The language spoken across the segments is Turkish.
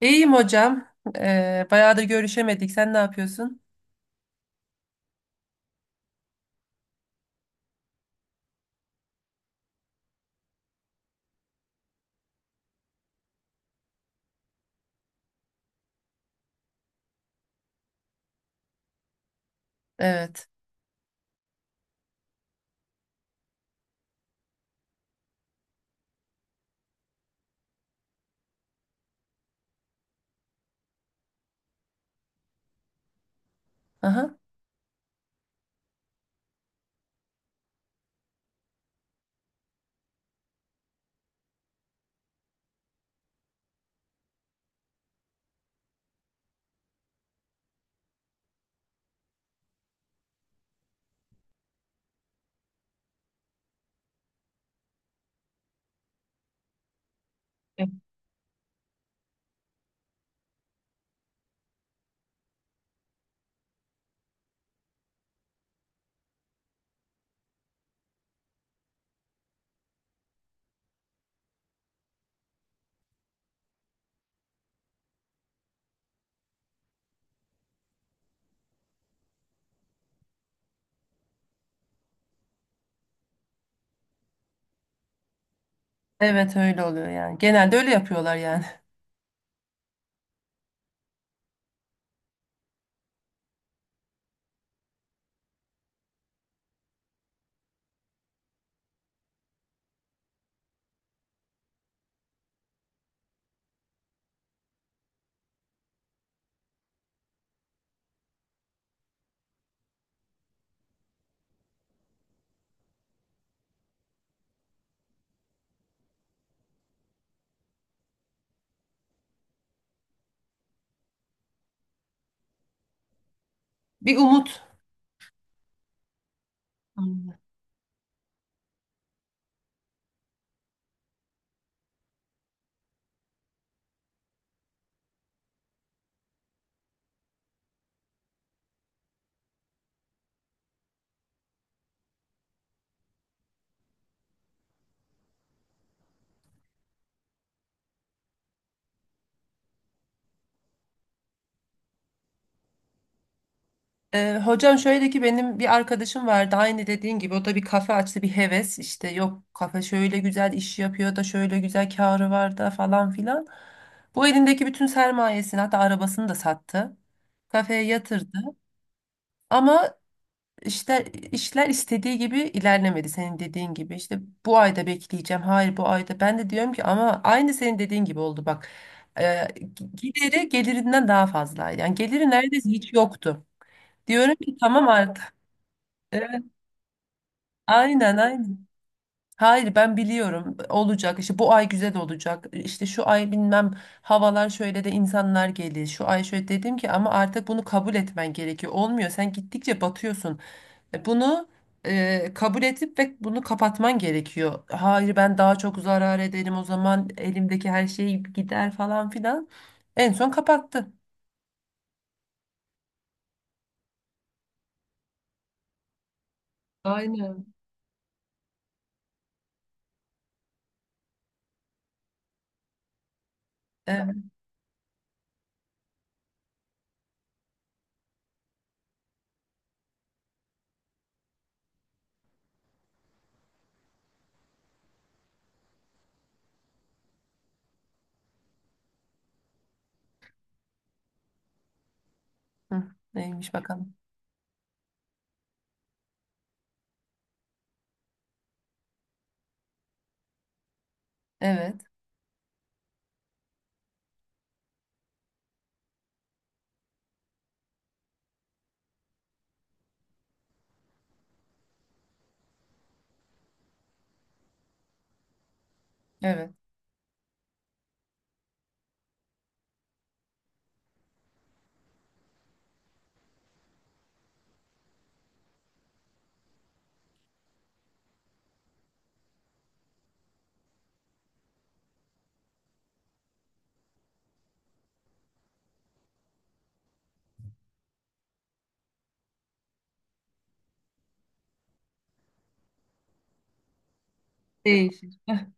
İyiyim hocam. Bayağıdır görüşemedik. Sen ne yapıyorsun? Evet. Aha. Evet, öyle oluyor yani. Genelde öyle yapıyorlar yani. Bir umut. Anladım. Hocam şöyle ki, benim bir arkadaşım vardı, aynı dediğin gibi o da bir kafe açtı bir heves. İşte yok kafe şöyle güzel iş yapıyor da şöyle güzel karı var da falan filan. Bu elindeki bütün sermayesini, hatta arabasını da sattı. Kafeye yatırdı. Ama İşler, işler istediği gibi ilerlemedi, senin dediğin gibi. İşte bu ayda bekleyeceğim. Hayır bu ayda. Ben de diyorum ki, ama aynı senin dediğin gibi oldu bak. Ee, gideri gelirinden daha fazlaydı. Yani geliri neredeyse hiç yoktu. Diyorum ki tamam artık. Evet, aynen aynen. Hayır ben biliyorum olacak, işte bu ay güzel olacak, işte şu ay bilmem havalar şöyle de insanlar gelir şu ay şöyle. Dedim ki ama artık bunu kabul etmen gerekiyor, olmuyor, sen gittikçe batıyorsun, bunu kabul edip ve bunu kapatman gerekiyor. Hayır ben daha çok zarar ederim o zaman, elimdeki her şey gider falan filan. En son kapattı. Aynen. Evet. Hı, neymiş bakalım. Evet. Evet. Değişir.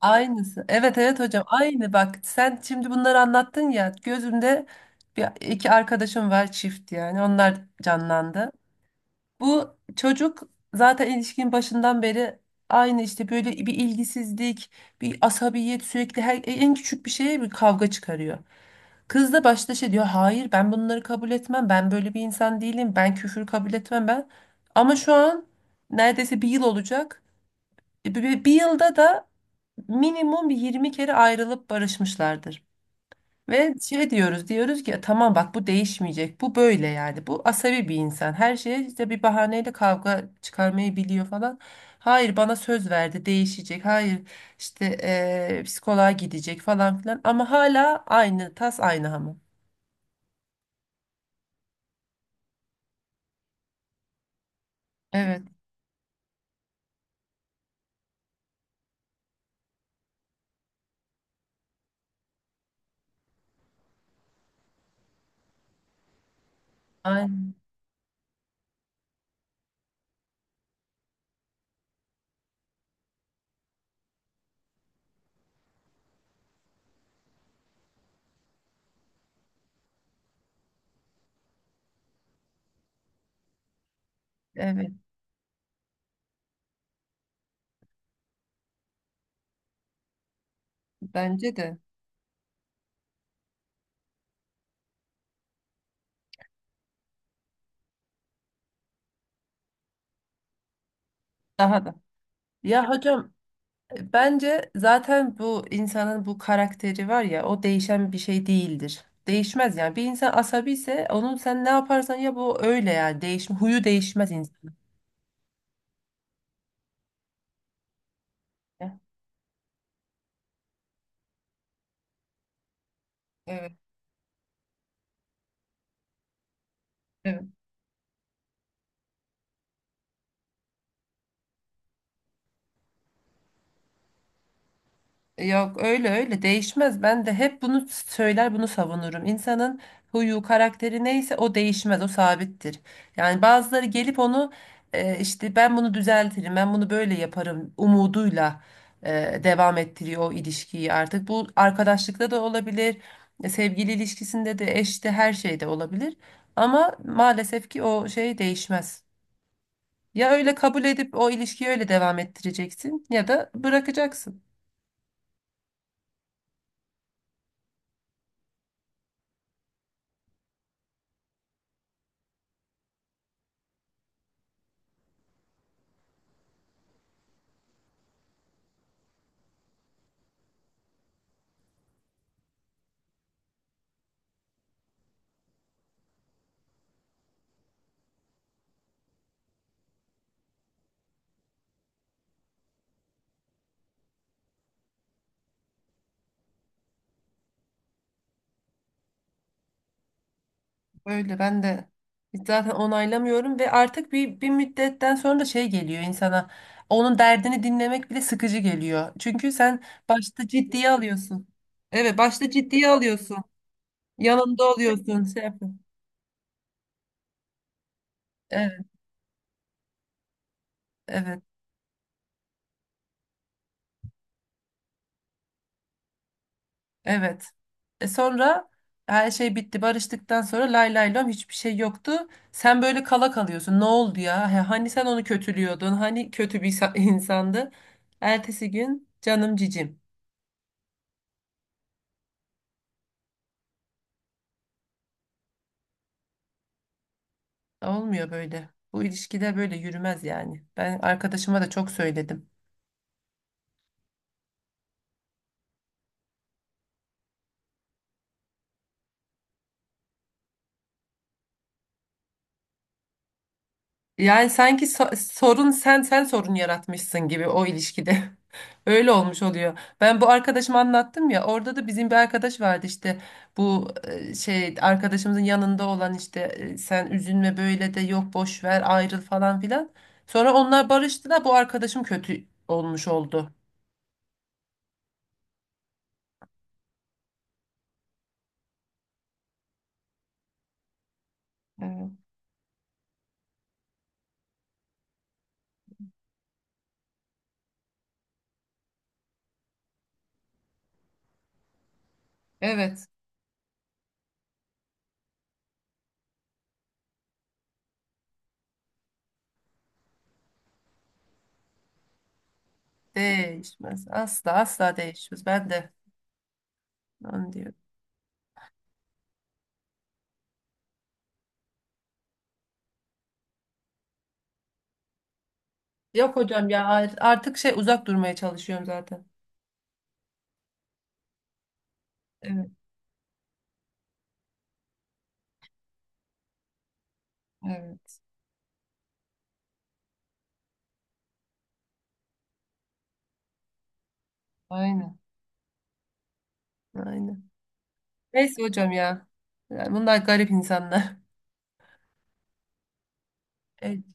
Aynısı. Evet evet hocam, aynı. Bak sen şimdi bunları anlattın ya, gözümde bir iki arkadaşım var çift yani, onlar canlandı. Bu çocuk zaten ilişkinin başından beri aynı, işte böyle bir ilgisizlik, bir asabiyet, sürekli her en küçük bir şeye bir kavga çıkarıyor. Kız da başta şey diyor, hayır ben bunları kabul etmem, ben böyle bir insan değilim, ben küfür kabul etmem ben. Ama şu an neredeyse bir yıl olacak. Bir yılda da minimum bir 20 kere ayrılıp barışmışlardır. Ve şey diyoruz ki tamam bak, bu değişmeyecek, bu böyle yani, bu asabi bir insan, her şeye işte bir bahaneyle kavga çıkarmayı biliyor falan. Hayır bana söz verdi değişecek, hayır işte psikoloğa gidecek falan filan, ama hala aynı tas aynı hamam. Evet. Aynı, evet, bence de daha da. Ya hocam, bence zaten bu insanın bu karakteri var ya, o değişen bir şey değildir. Değişmez yani. Bir insan asabi ise onun sen ne yaparsan, ya bu öyle yani. Değişme, huyu değişmez insan. Evet, evet. Yok öyle öyle değişmez. Ben de hep bunu söyler, bunu savunurum. İnsanın huyu karakteri neyse o değişmez, o sabittir. Yani bazıları gelip onu işte ben bunu düzeltirim, ben bunu böyle yaparım umuduyla devam ettiriyor o ilişkiyi artık. Bu arkadaşlıkta da olabilir, sevgili ilişkisinde de, eşte, her şeyde olabilir. Ama maalesef ki o şey değişmez. Ya öyle kabul edip o ilişkiyi öyle devam ettireceksin ya da bırakacaksın. Öyle, ben de zaten onaylamıyorum ve artık bir, bir müddetten sonra da şey geliyor insana. Onun derdini dinlemek bile sıkıcı geliyor. Çünkü sen başta ciddiye alıyorsun. Evet, başta ciddiye alıyorsun. Yanında oluyorsun, şey yapıyorsun. Evet, evet, evet. E sonra her şey bitti. Barıştıktan sonra lay lay lom hiçbir şey yoktu. Sen böyle kala kalıyorsun. Ne oldu ya? He, hani sen onu kötülüyordun? Hani kötü bir insandı? Ertesi gün canım cicim. Olmuyor böyle. Bu ilişkide böyle yürümez yani. Ben arkadaşıma da çok söyledim. Yani sanki sorun sen sorun yaratmışsın gibi o ilişkide. Öyle olmuş oluyor. Ben bu arkadaşıma anlattım ya. Orada da bizim bir arkadaş vardı işte. Bu şey arkadaşımızın yanında olan işte, sen üzülme böyle, de yok boş ver ayrıl falan filan. Sonra onlar barıştı da bu arkadaşım kötü olmuş oldu. Evet. Evet. Değişmez. Asla asla değişmez. Ben de onu diyorum. Yok hocam ya, artık şey uzak durmaya çalışıyorum zaten. Evet, evet. Aynen. Aynen. Neyse hocam ya. Yani bunlar garip insanlar. Evet.